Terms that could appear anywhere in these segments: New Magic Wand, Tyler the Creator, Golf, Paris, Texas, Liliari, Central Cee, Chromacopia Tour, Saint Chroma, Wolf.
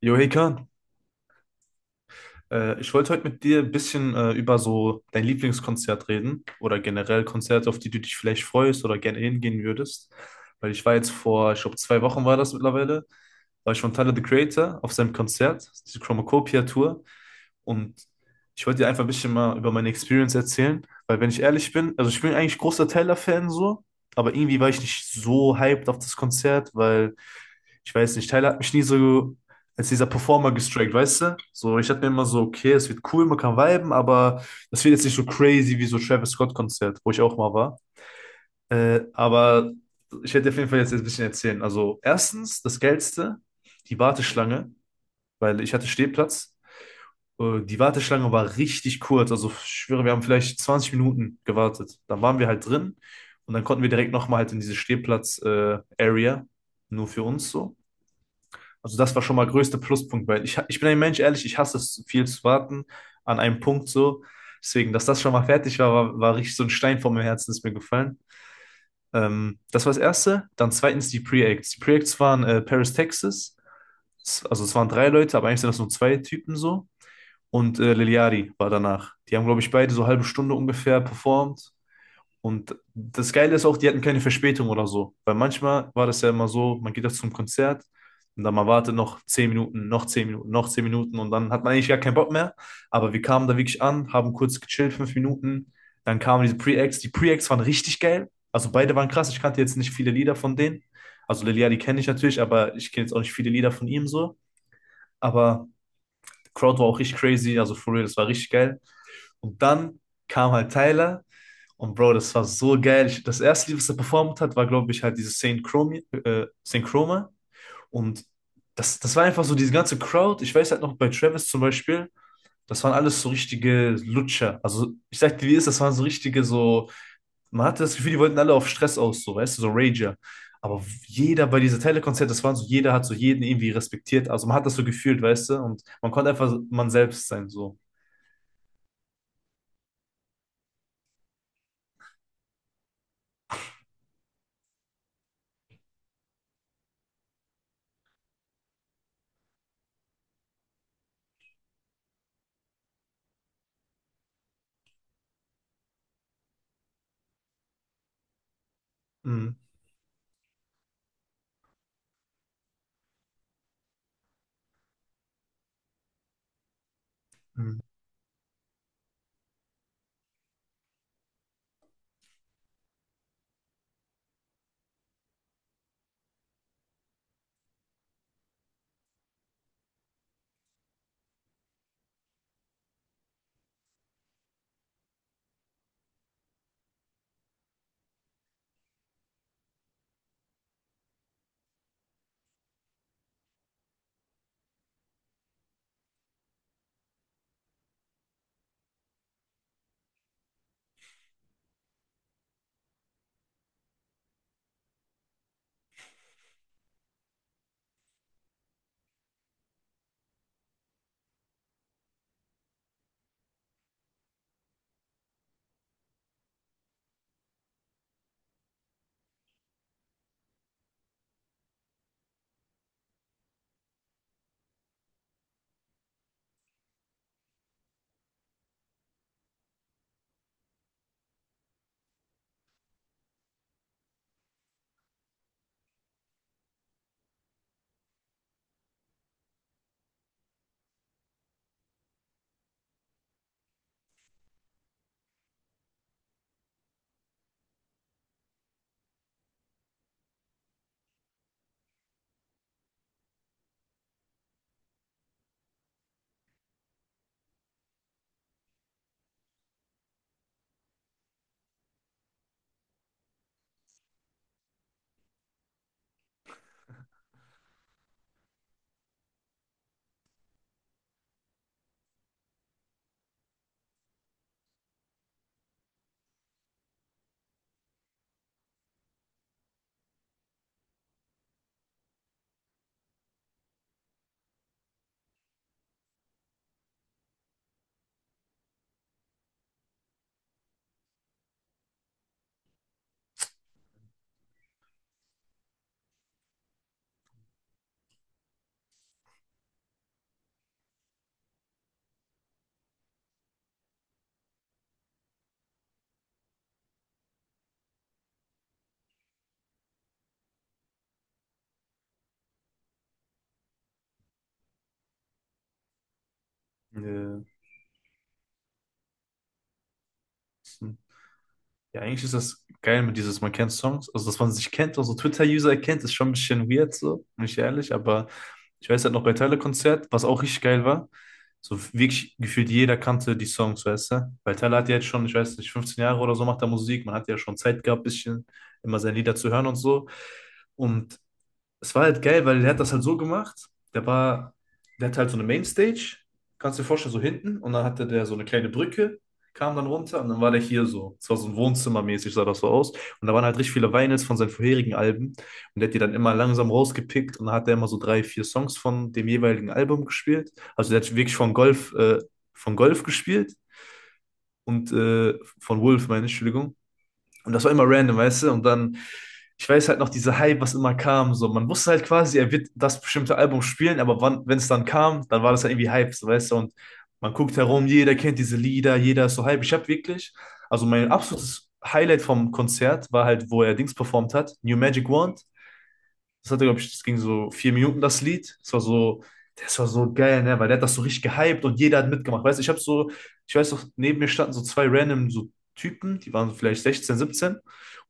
Jo, hey Kahn, ich wollte heute mit dir ein bisschen über so dein Lieblingskonzert reden oder generell Konzerte, auf die du dich vielleicht freust oder gerne hingehen würdest. Weil ich war jetzt vor, ich glaube, 2 Wochen war das mittlerweile, war ich von Tyler the Creator auf seinem Konzert, diese Chromacopia Tour. Und ich wollte dir einfach ein bisschen mal über meine Experience erzählen, weil wenn ich ehrlich bin, also ich bin eigentlich großer Tyler-Fan so, aber irgendwie war ich nicht so hyped auf das Konzert, weil ich weiß nicht, Tyler hat mich nie so als dieser Performer gestrikt, weißt du? So, ich hatte mir immer so, okay, es wird cool, man kann viben, aber das wird jetzt nicht so crazy wie so Travis Scott-Konzert, wo ich auch mal war. Aber ich werde dir auf jeden Fall jetzt ein bisschen erzählen. Also, erstens, das Geilste, die Warteschlange, weil ich hatte Stehplatz. Die Warteschlange war richtig kurz. Also, ich schwöre, wir haben vielleicht 20 Minuten gewartet. Dann waren wir halt drin und dann konnten wir direkt nochmal halt in diese Stehplatz-Area, nur für uns so. Also das war schon mal größter Pluspunkt, weil ich bin ein Mensch, ehrlich, ich hasse es, viel zu warten an einem Punkt so. Deswegen, dass das schon mal fertig war, war richtig so ein Stein vor meinem Herzen, ist mir gefallen. Das war das Erste. Dann zweitens die Pre-Acts. Die Pre-Acts waren Paris, Texas. Also es waren drei Leute, aber eigentlich sind das nur zwei Typen so. Und Liliari war danach. Die haben, glaube ich, beide so halbe Stunde ungefähr performt. Und das Geile ist auch, die hatten keine Verspätung oder so. Weil manchmal war das ja immer so, man geht doch zum Konzert und dann man wartet noch 10 Minuten, noch 10 Minuten, noch 10 Minuten und dann hat man eigentlich gar keinen Bock mehr. Aber wir kamen da wirklich an, haben kurz gechillt, 5 Minuten. Dann kamen diese Pre-Acts. Die Pre-Acts waren richtig geil. Also beide waren krass. Ich kannte jetzt nicht viele Lieder von denen. Also Lelia, die kenne ich natürlich, aber ich kenne jetzt auch nicht viele Lieder von ihm so. Aber die Crowd war auch richtig crazy. Also for real, das war richtig geil. Und dann kam halt Tyler und Bro, das war so geil. Ich, das erste Lied, was er performt hat, war, glaube ich, halt dieses Saint Chroma, Saint Chroma. Und das war einfach so diese ganze Crowd. Ich weiß halt noch bei Travis zum Beispiel, das waren alles so richtige Lutscher. Also ich sag dir, wie es ist, das waren so richtige, so, man hatte das Gefühl, die wollten alle auf Stress aus, so, weißt du, so Rager. Aber jeder bei dieser Telekonzert, das waren so, jeder hat so jeden irgendwie respektiert. Also man hat das so gefühlt, weißt du, und man konnte einfach so man selbst sein, so. Mhm. Mhm. Ja. Ja, eigentlich ist das geil mit dieses, man kennt Songs, also dass man sich kennt, also Twitter-User kennt, ist schon ein bisschen weird, so, bin ich ehrlich, aber ich weiß halt noch bei Tyler-Konzert, was auch richtig geil war, so wirklich gefühlt jeder kannte die Songs, weißt du, weil Tyler hat ja jetzt schon, ich weiß nicht, 15 Jahre oder so macht er Musik, man hat ja schon Zeit gehabt, bisschen immer seine Lieder zu hören und so, und es war halt geil, weil der hat das halt so gemacht. Der war, Der hatte halt so eine Mainstage, kannst du dir vorstellen, so hinten. Und dann hatte der so eine kleine Brücke, kam dann runter und dann war der hier so. Es war so ein Wohnzimmermäßig, sah das so aus. Und da waren halt richtig viele Vinyls von seinen vorherigen Alben. Und der hat die dann immer langsam rausgepickt und dann hat er immer so drei, vier Songs von dem jeweiligen Album gespielt. Also der hat wirklich von Golf gespielt und von Wolf, meine ich, Entschuldigung. Und das war immer random, weißt du? Und dann, ich weiß halt noch, diese Hype, was immer kam, so. Man wusste halt quasi, er wird das bestimmte Album spielen, aber wann, wenn es dann kam, dann war das halt irgendwie Hype, so, weißt du? Und man guckt herum, jeder kennt diese Lieder, jeder ist so Hype. Ich habe wirklich, also mein absolutes Highlight vom Konzert war halt, wo er Dings performt hat, New Magic Wand, das hatte, glaube ich, das ging so 4 Minuten, das Lied. Das war so, das, war so geil, ne? Weil der hat das so richtig gehypt und jeder hat mitgemacht. Weißt du, ich habe so, ich weiß noch, neben mir standen so zwei random so Typen, die waren so vielleicht 16, 17 Und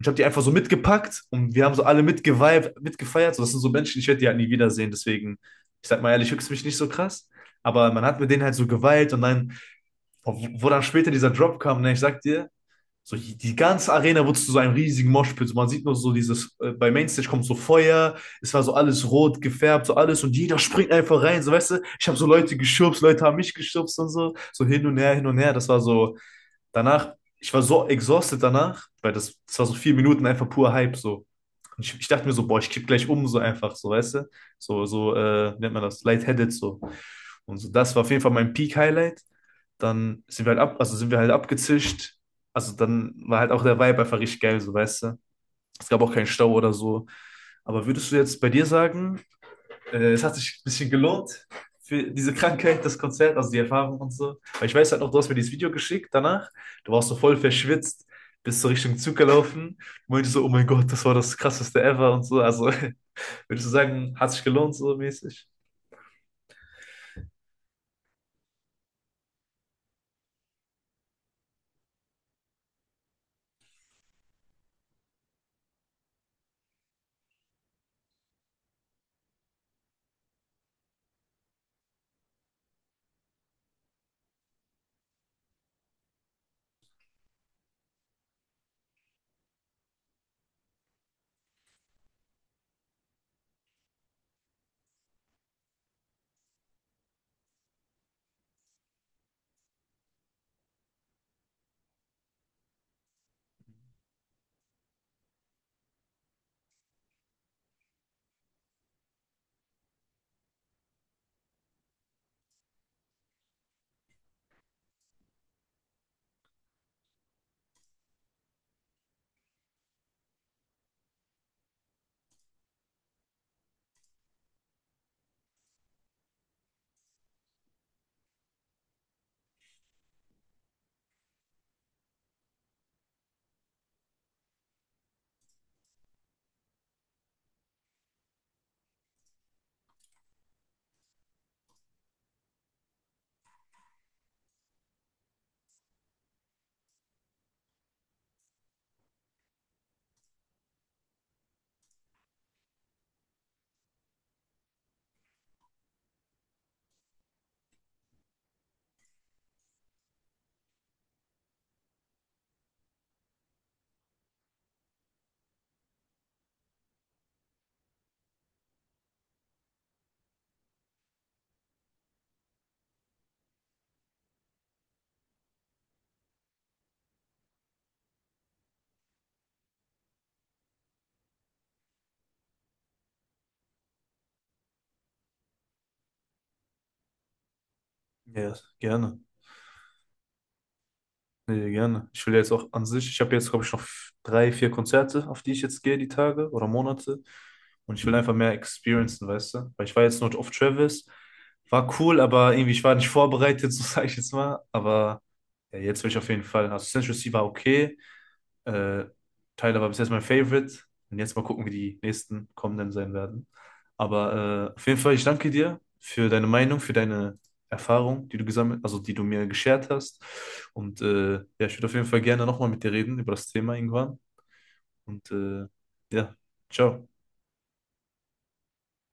ich habe die einfach so mitgepackt und wir haben so alle mitgeweibt, mitgefeiert. So, das sind so Menschen, ich werde die halt nie wiedersehen. Deswegen, ich sag mal ehrlich, höchst mich nicht so krass. Aber man hat mit denen halt so geweilt, und dann, wo wo dann später dieser Drop kam, ne, ich sag dir, so, die ganze Arena wurde zu so einem riesigen Moshpit. So, man sieht nur so dieses, bei Mainstage kommt so Feuer, es war so alles rot gefärbt, so alles und jeder springt einfach rein. So, weißt du, ich habe so Leute geschubst, Leute haben mich geschubst und so, so hin und her, hin und her. Das war so, danach, ich war so exhausted danach, weil das war so 4 Minuten einfach pur Hype, so. Und ich dachte mir so, boah, ich kipp gleich um, so einfach, so, weißt du, so, so, wie nennt man das, lightheaded, so. Und so, das war auf jeden Fall mein Peak-Highlight. Dann sind wir halt ab, also sind wir halt abgezischt. Also dann war halt auch der Vibe einfach richtig geil, so weißt du. Es gab auch keinen Stau oder so. Aber würdest du jetzt bei dir sagen, es hat sich ein bisschen gelohnt für diese Krankheit, das Konzert, also die Erfahrung und so? Weil ich weiß halt noch, du hast mir dieses Video geschickt danach. Du warst so voll verschwitzt, bist so Richtung Zug gelaufen, meinte so, oh mein Gott, das war das krasseste ever und so. Also würdest du sagen, hat sich gelohnt so mäßig? Ja, gerne. Nee, gerne. Ich will jetzt auch an sich, ich habe jetzt, glaube ich, noch drei, vier Konzerte, auf die ich jetzt gehe, die Tage oder Monate. Und ich will einfach mehr experiencen, weißt du? Weil ich war jetzt nur auf Travis, war cool, aber irgendwie, ich war nicht vorbereitet, so sage ich jetzt mal. Aber ja, jetzt will ich auf jeden Fall. Also Central Cee war okay. Äh, Tyler war bis jetzt mein Favorite. Und jetzt mal gucken, wie die nächsten kommenden sein werden. Aber auf jeden Fall, ich danke dir für deine Meinung, für deine Erfahrung, die du gesammelt, also die du mir geshared hast. Und ja, ich würde auf jeden Fall gerne nochmal mit dir reden über das Thema irgendwann. Und ja, ciao.